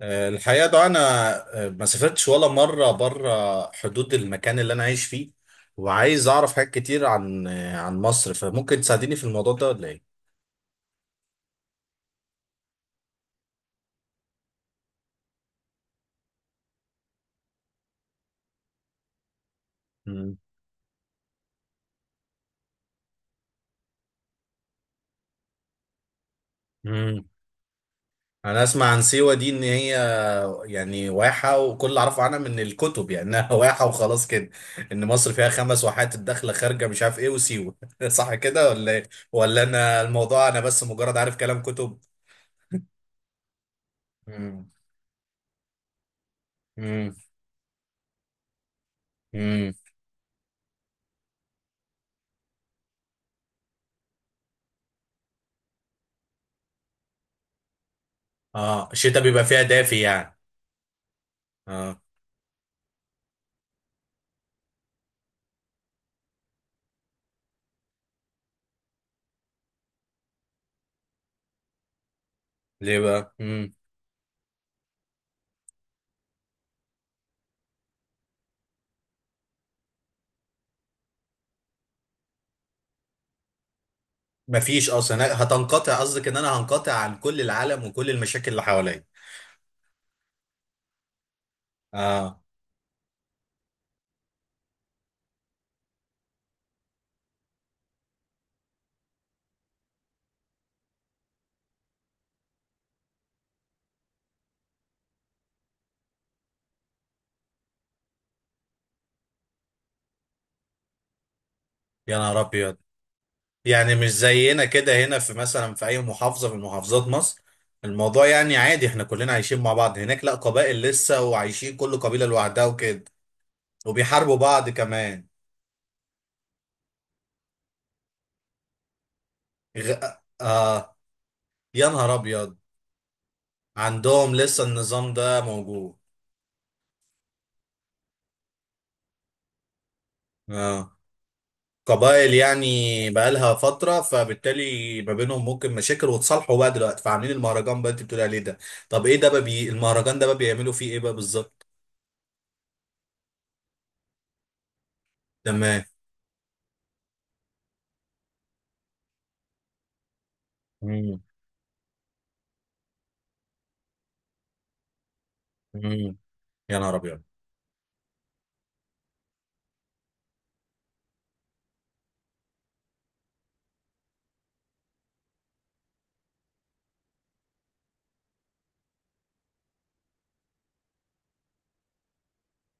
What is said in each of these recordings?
الحقيقة ده أنا ما سافرتش ولا مرة بره حدود المكان اللي أنا عايش فيه، وعايز أعرف حاجات كتير عن عن مصر، فممكن تساعديني في الموضوع ده ولا إيه؟ مم. مم. أنا أسمع عن سيوة دي إن هي يعني واحة، وكل اللي أعرفه عنها من الكتب يعني إنها واحة وخلاص كده. إن مصر فيها خمس واحات، الداخلة خارجة مش عارف إيه وسيوة صح كده ولا إيه؟ ولا أنا الموضوع، أنا بس مجرد عارف كلام كتب؟ مم. مم. مم. آه، الشتاء بيبقى فيها دافي يعني. آه. ليه بقى؟ مم. مفيش اصلا، هتنقطع. قصدك ان انا هنقطع عن كل العالم وكل المشاكل اللي حواليا. اه، يا نهار ابيض. يعني مش زينا كده هنا في مثلا في اي محافظه من محافظات مصر، الموضوع يعني عادي، احنا كلنا عايشين مع بعض. هناك لا، قبائل لسه وعايشين كل قبيله لوحدها وكده، وبيحاربوا بعض كمان. غ... اه، يا نهار ابيض. عندهم لسه النظام ده موجود. اه، قبائل يعني، بقالها فترة، فبالتالي ما بينهم ممكن مشاكل، وتصالحوا بقى دلوقتي فعاملين المهرجان بقى انت بتقولي عليه ده. طب ايه ده بقى المهرجان ده بقى بيعملوا فيه ايه بقى بالظبط؟ تمام. مم. مم. يا نهار ابيض.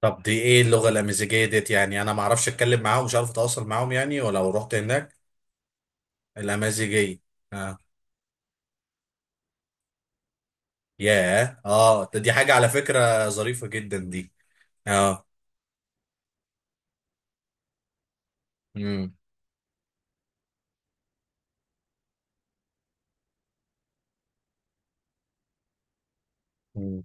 طب دي ايه اللغة الأمازيغية ديت؟ يعني انا ما اعرفش اتكلم معاهم، مش عارف اتواصل معاهم يعني، ولو رحت هناك؟ الأمازيغية. اه. ياه، اه، دي حاجة على فكرة ظريفة جدا دي. اه. مم. مم.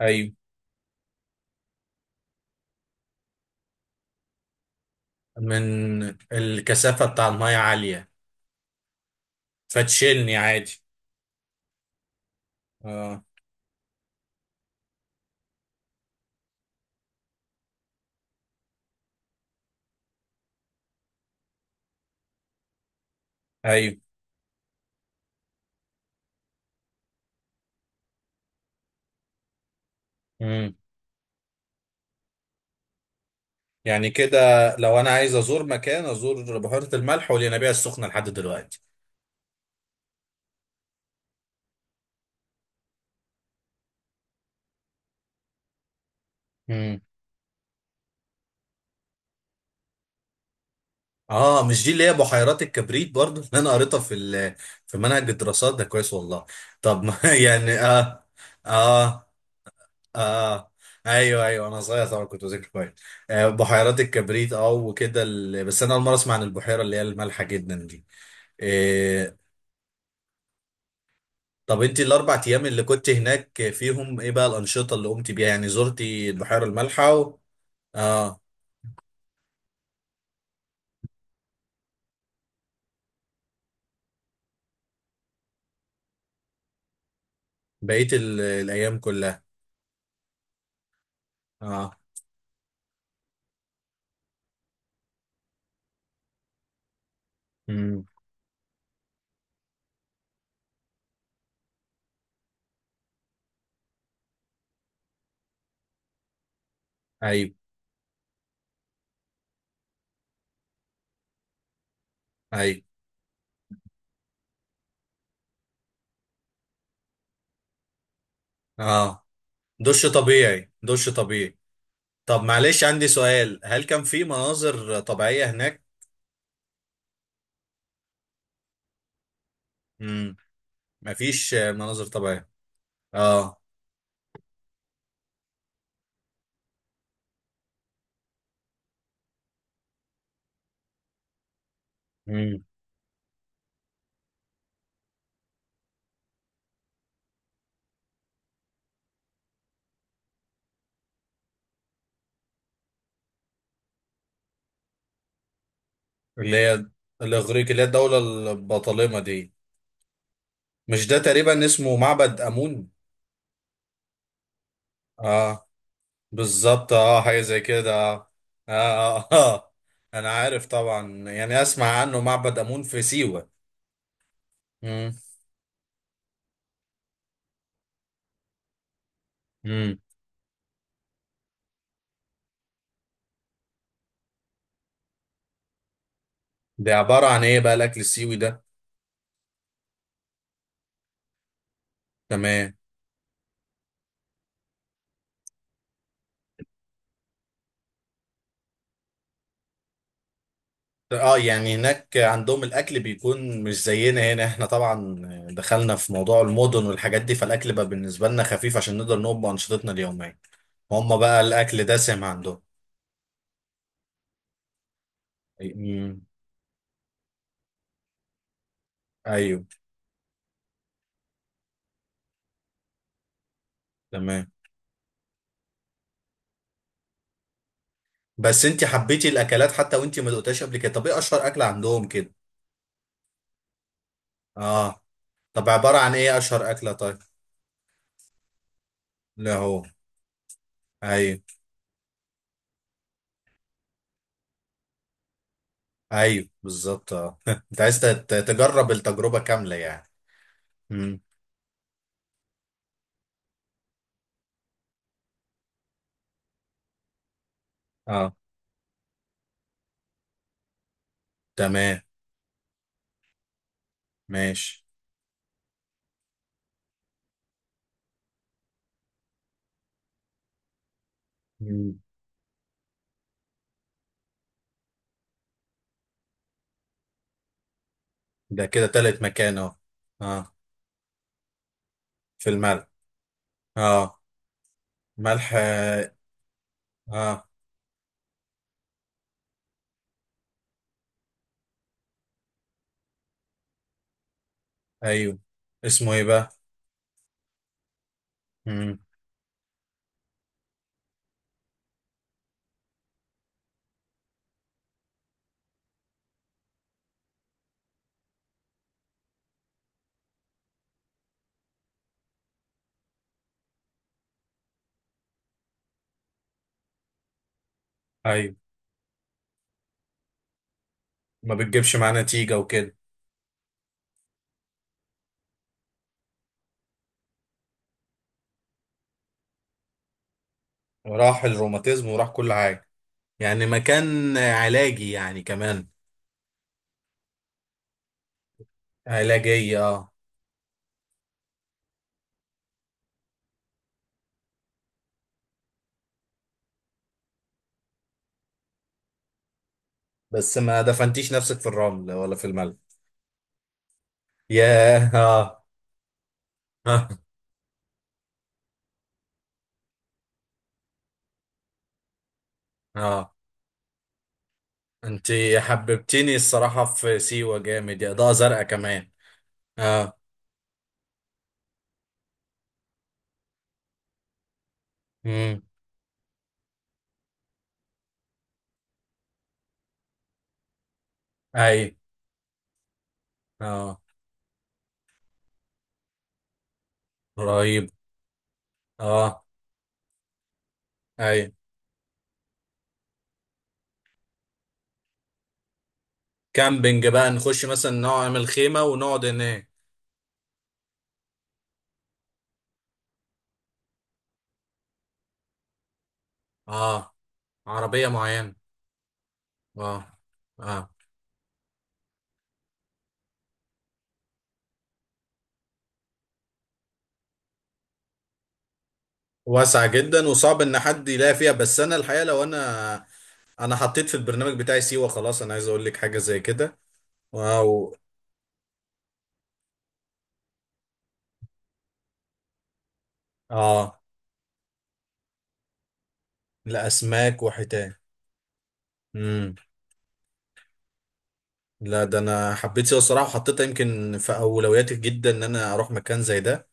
ايوه، من الكثافة بتاع المية عالية، فتشيلني عادي. اه. ايوه. امم. يعني كده، لو انا عايز ازور مكان، ازور بحيرة الملح والينابيع السخنة لحد دلوقتي. امم. اه، مش دي اللي هي بحيرات الكبريت برضو اللي انا قريتها في منهج الدراسات ده؟ كويس والله. طب ما يعني اه. اه، اه. ايوه، ايوه، انا صغير طبعا كنت بذاكر كويس. آه، بحيرات الكبريت اه، وكده بس انا اول مره اسمع عن البحيره اللي هي المالحه جدا دي. آه، طب انت الاربع ايام اللي كنت هناك فيهم ايه بقى الانشطه اللي قمت بيها يعني؟ زرتي البحيره المالحه اه، بقيت الايام كلها. اه. امم. ايوه. ايوه. اه. دش طبيعي، دش طبيعي. طب معلش، عندي سؤال، هل كان في مناظر طبيعيه هناك؟ امم. مفيش مناظر طبيعيه. اه. امم. اللي هي الاغريق، اللي هي الدوله البطالمه دي. مش ده تقريبا اسمه معبد امون؟ اه، بالظبط، اه، حاجة زي كده، اه. اه، اه. آه. انا عارف طبعا، يعني اسمع عنه معبد امون في سيوة. امم. امم. ده عبارة عن ايه بقى الاكل السيوي ده؟ تمام. اه، يعني هناك عندهم الاكل بيكون مش زينا هنا احنا طبعا، دخلنا في موضوع المدن والحاجات دي، فالاكل بقى بالنسبة لنا خفيف عشان نقدر نقوم بانشطتنا اليومية. هما بقى الاكل دسم عندهم؟ امم. ايوه. تمام. بس انت حبيتي الاكلات حتى وانت ما دقتهاش قبل كده؟ طب ايه اشهر اكل عندهم كده؟ اه. طب عبارة عن ايه اشهر اكلة طيب؟ لا هو. ايوه، ايوه، بالظبط، اه. انت عايز تجرب التجربة كاملة يعني. امم. اه. تمام. ماشي. مم. ده كده تالت مكان اهو. اه. في الملح. اه. ملح، اه. آه، ايوه. اسمه ايه بقى؟ امم. ايوه. ما بتجيبش معاه نتيجة وكده. وراح الروماتيزم وراح كل حاجة. يعني مكان علاجي يعني كمان. علاجية، اه. بس ما دفنتيش نفسك في الرمل ولا في الملح؟ ياه، اه. اه، اه. انت حببتيني الصراحة في سيوة جامد، يا ضوء زرقاء كمان. اه. امم. اي. اه. رهيب. اه. اي. كامبينج بقى، نخش مثلا نعمل خيمة ونقعد هناك؟ اه. عربية معينة؟ اه. اه. واسعة جدا، وصعب ان حد يلاقي فيها، بس انا الحقيقة لو انا حطيت في البرنامج بتاعي سيوة خلاص، انا عايز اقول لك حاجة زي كده. واو. اه. الاسماك وحيتان. لا، ده انا حبيت سيوة الصراحه، وحطيتها يمكن في اولوياتي جدا ان انا اروح مكان زي ده،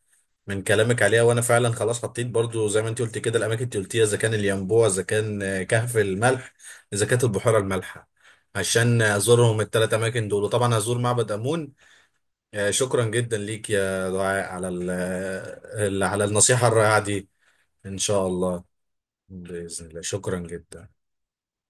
من كلامك عليها، وانا فعلا خلاص حطيت برضو زي ما انت قلت كده الاماكن اللي قلتيها، اذا كان الينبوع، اذا كان كهف الملح، اذا كانت البحيره المالحه، عشان ازورهم الثلاث اماكن دول، وطبعا هزور معبد امون. شكرا جدا ليك يا دعاء على على النصيحه الرائعه دي. ان شاء الله. باذن الله، شكرا جدا.